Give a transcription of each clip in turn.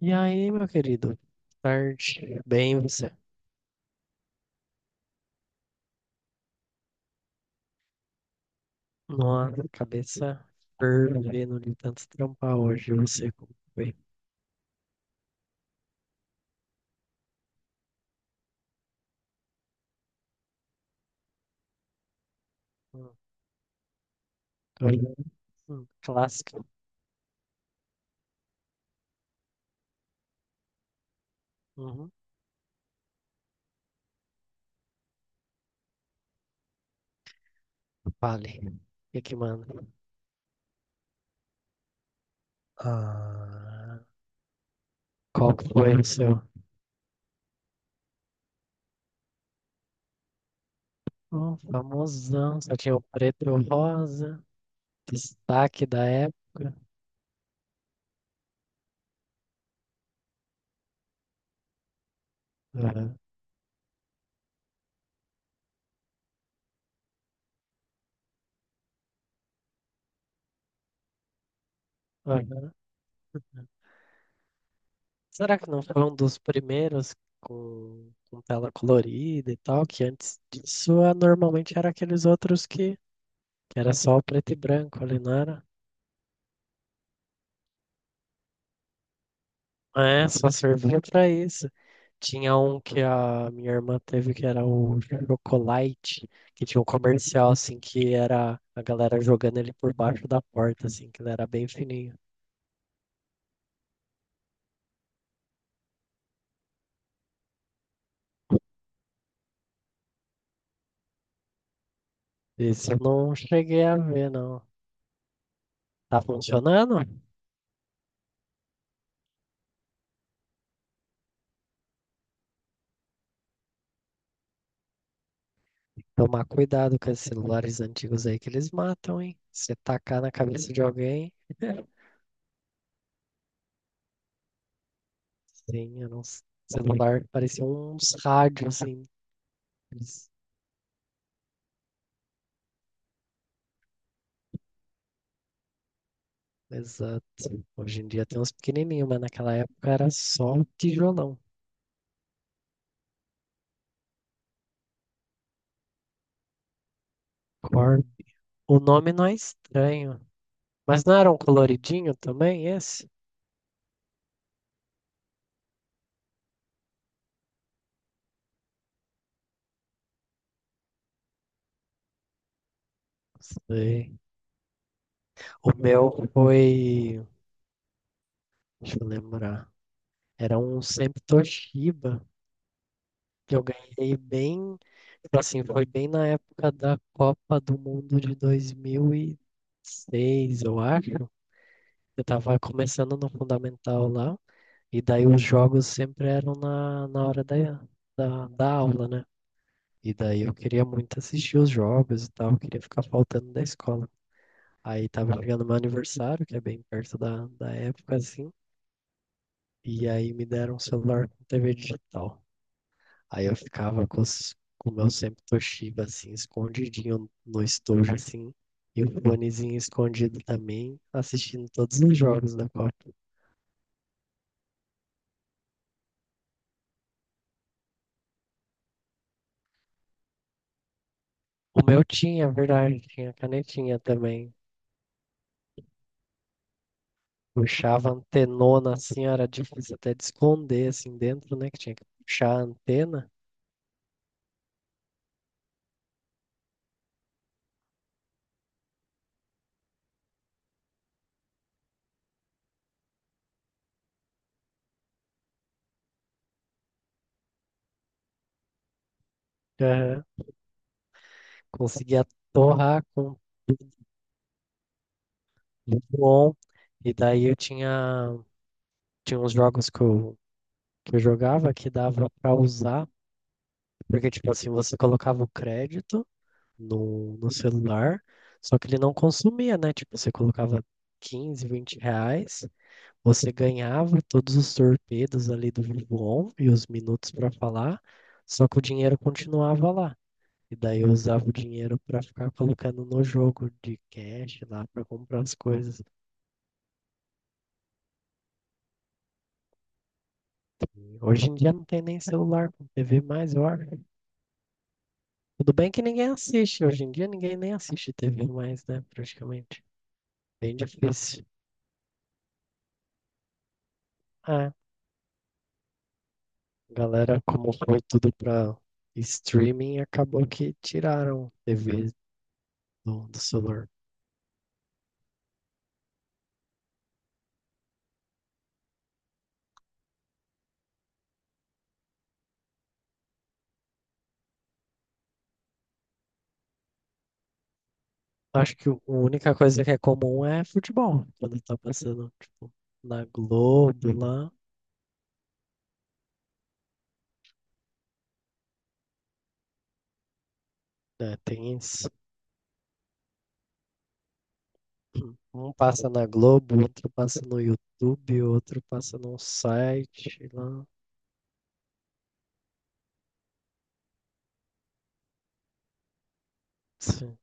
E aí, meu querido? Tarde, bem você? Nossa, cabeça fervendo de tanto trampar hoje, eu não sei como foi. Hum. tô- hum, clássico. Uhum. Fale, o que que manda? Ah, qual que foi o seu? Oh, famosão, só tinha o preto e o rosa, destaque da época. Aham. Será que não foi um dos primeiros com tela colorida e tal? Que antes disso normalmente era aqueles outros que era só o preto e branco ali, não era? É, só servia pra isso. Tinha um que a minha irmã teve que era o Chocolate, que tinha um comercial assim que era a galera jogando ele por baixo da porta, assim, que ele era bem fininho. Esse eu não cheguei a ver, não. Tá funcionando? Tomar cuidado com esses celulares antigos aí que eles matam, hein? Você tacar na cabeça de alguém, sim, era um celular, parecia uns rádios, assim. Eles- Exato. Hoje em dia tem uns pequenininhos, mas naquela época era só um tijolão. Cor- O nome não é estranho, mas não era um coloridinho também, esse? Sei. O meu foi, deixa eu lembrar, era um sempre Toshiba. Eu ganhei bem, tipo assim, foi bem na época da Copa do Mundo de 2006 eu acho. Eu tava começando no fundamental lá, e daí os jogos sempre eram na hora da aula, né? E daí eu queria muito assistir os jogos e tal, queria ficar faltando da escola. Aí tava chegando meu aniversário, que é bem perto da época, assim, e aí me deram um celular com TV digital. Aí eu ficava com o meu sempre Toshiba, assim, escondidinho no estojo, assim, e o fonezinho escondido também, assistindo todos os jogos da Copa. O meu tinha, é verdade, tinha canetinha também. Puxava a antenona, assim, era difícil até de esconder, assim, dentro, né, que tinha que puxar a antena. Aham. Conseguia torrar com tudo on. E daí eu tinha, tinha uns jogos que eu jogava que dava pra usar. Porque, tipo assim, você colocava o crédito no celular, só que ele não consumia, né? Tipo, você colocava 15, 20 reais, você ganhava todos os torpedos ali do Vivo e os minutos para falar, só que o dinheiro continuava lá. E daí eu usava o dinheiro para ficar colocando no jogo de cash lá para comprar as coisas. E hoje em dia não tem nem celular com TV mais, eu acho. Tudo bem que ninguém assiste, hoje em dia ninguém nem assiste TV mais, né? Praticamente. Bem difícil. É, galera, como foi tudo pra streaming, acabou que tiraram TV do celular. Acho que a única coisa que é comum é futebol. Quando tá passando, tipo, na Globo lá, né, tem isso. Um passa na Globo, outro passa no YouTube, outro passa num site lá. Sim.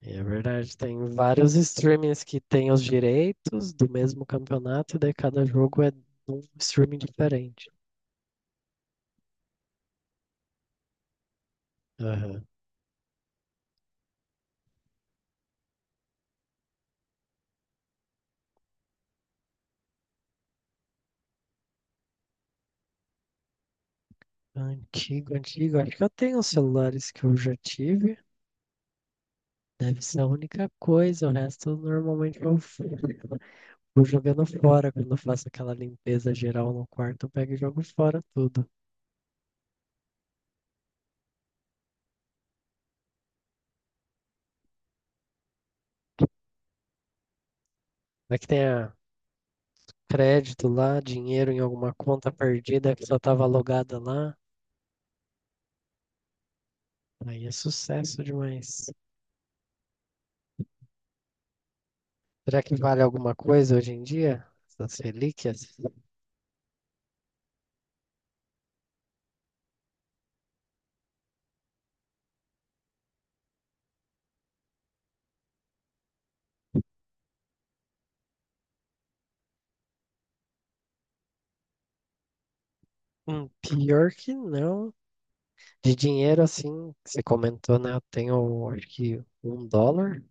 É verdade, tem vários streamings que têm os direitos do mesmo campeonato, e daí cada jogo é num streaming diferente. Aham. Antigo, antigo. Acho que eu tenho os celulares que eu já tive. Deve ser a única coisa. O resto normalmente eu vou jogando fora. Quando eu faço aquela limpeza geral no quarto, eu pego e jogo fora tudo. Vai que tenha crédito lá, dinheiro em alguma conta perdida que só estava logada lá. Aí é sucesso demais. Será que vale alguma coisa hoje em dia? Essas relíquias? Pior que não. De dinheiro, assim, que você comentou, né? Eu tenho, acho que um dólar,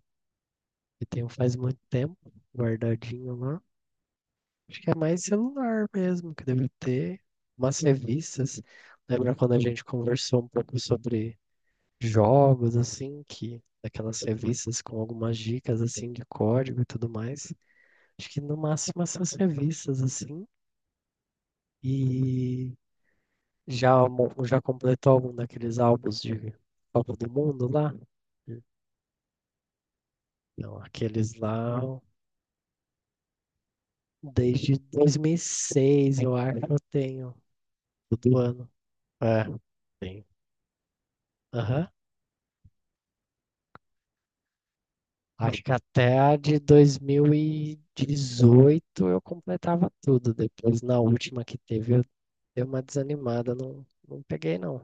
que tenho faz muito tempo, guardadinho lá. Acho que é mais celular mesmo, que deve ter umas revistas. Lembra quando a gente conversou um pouco sobre jogos, assim, que aquelas revistas com algumas dicas, assim, de código e tudo mais. Acho que no máximo essas revistas, assim. E já, já completou algum daqueles álbuns de Copa do Mundo lá? Não, aqueles lá, desde 2006, eu acho que eu tenho, todo ano. É, tenho. Aham. Acho que até a de 2018 eu completava tudo. Depois, na última que teve, eu dei uma desanimada, não, não peguei, não.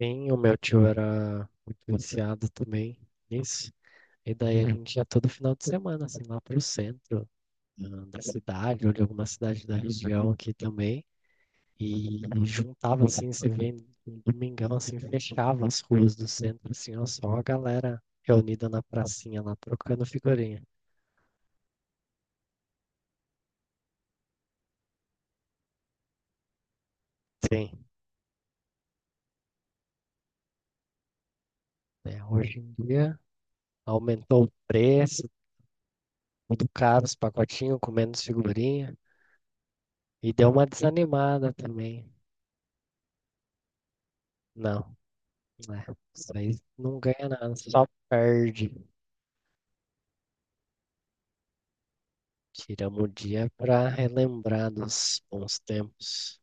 Sim, o meu tio era muito viciado também nisso. E daí a gente ia todo final de semana, assim, lá pro centro da cidade, ou de alguma cidade da região aqui também. E juntava assim, você vê no domingão assim, fechava as ruas do centro, assim, ó, só a galera reunida na pracinha lá, trocando figurinha. Sim, né? Hoje em dia aumentou o preço, muito caro, os pacotinhos com menos figurinha, e deu uma desanimada também. Não, né? Isso aí não ganha nada, só perde. Tiramos o dia pra relembrar dos bons tempos.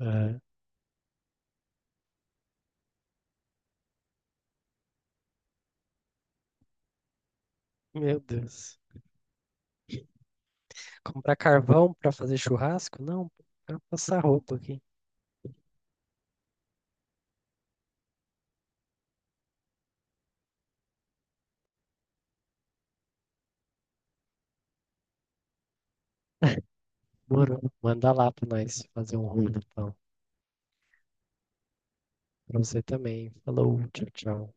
É. Meu Deus. Comprar carvão para fazer churrasco? Não, pô, passar roupa aqui. Moro, manda lá pra nós fazer um rolo então. Pra você também. Falou, tchau, tchau.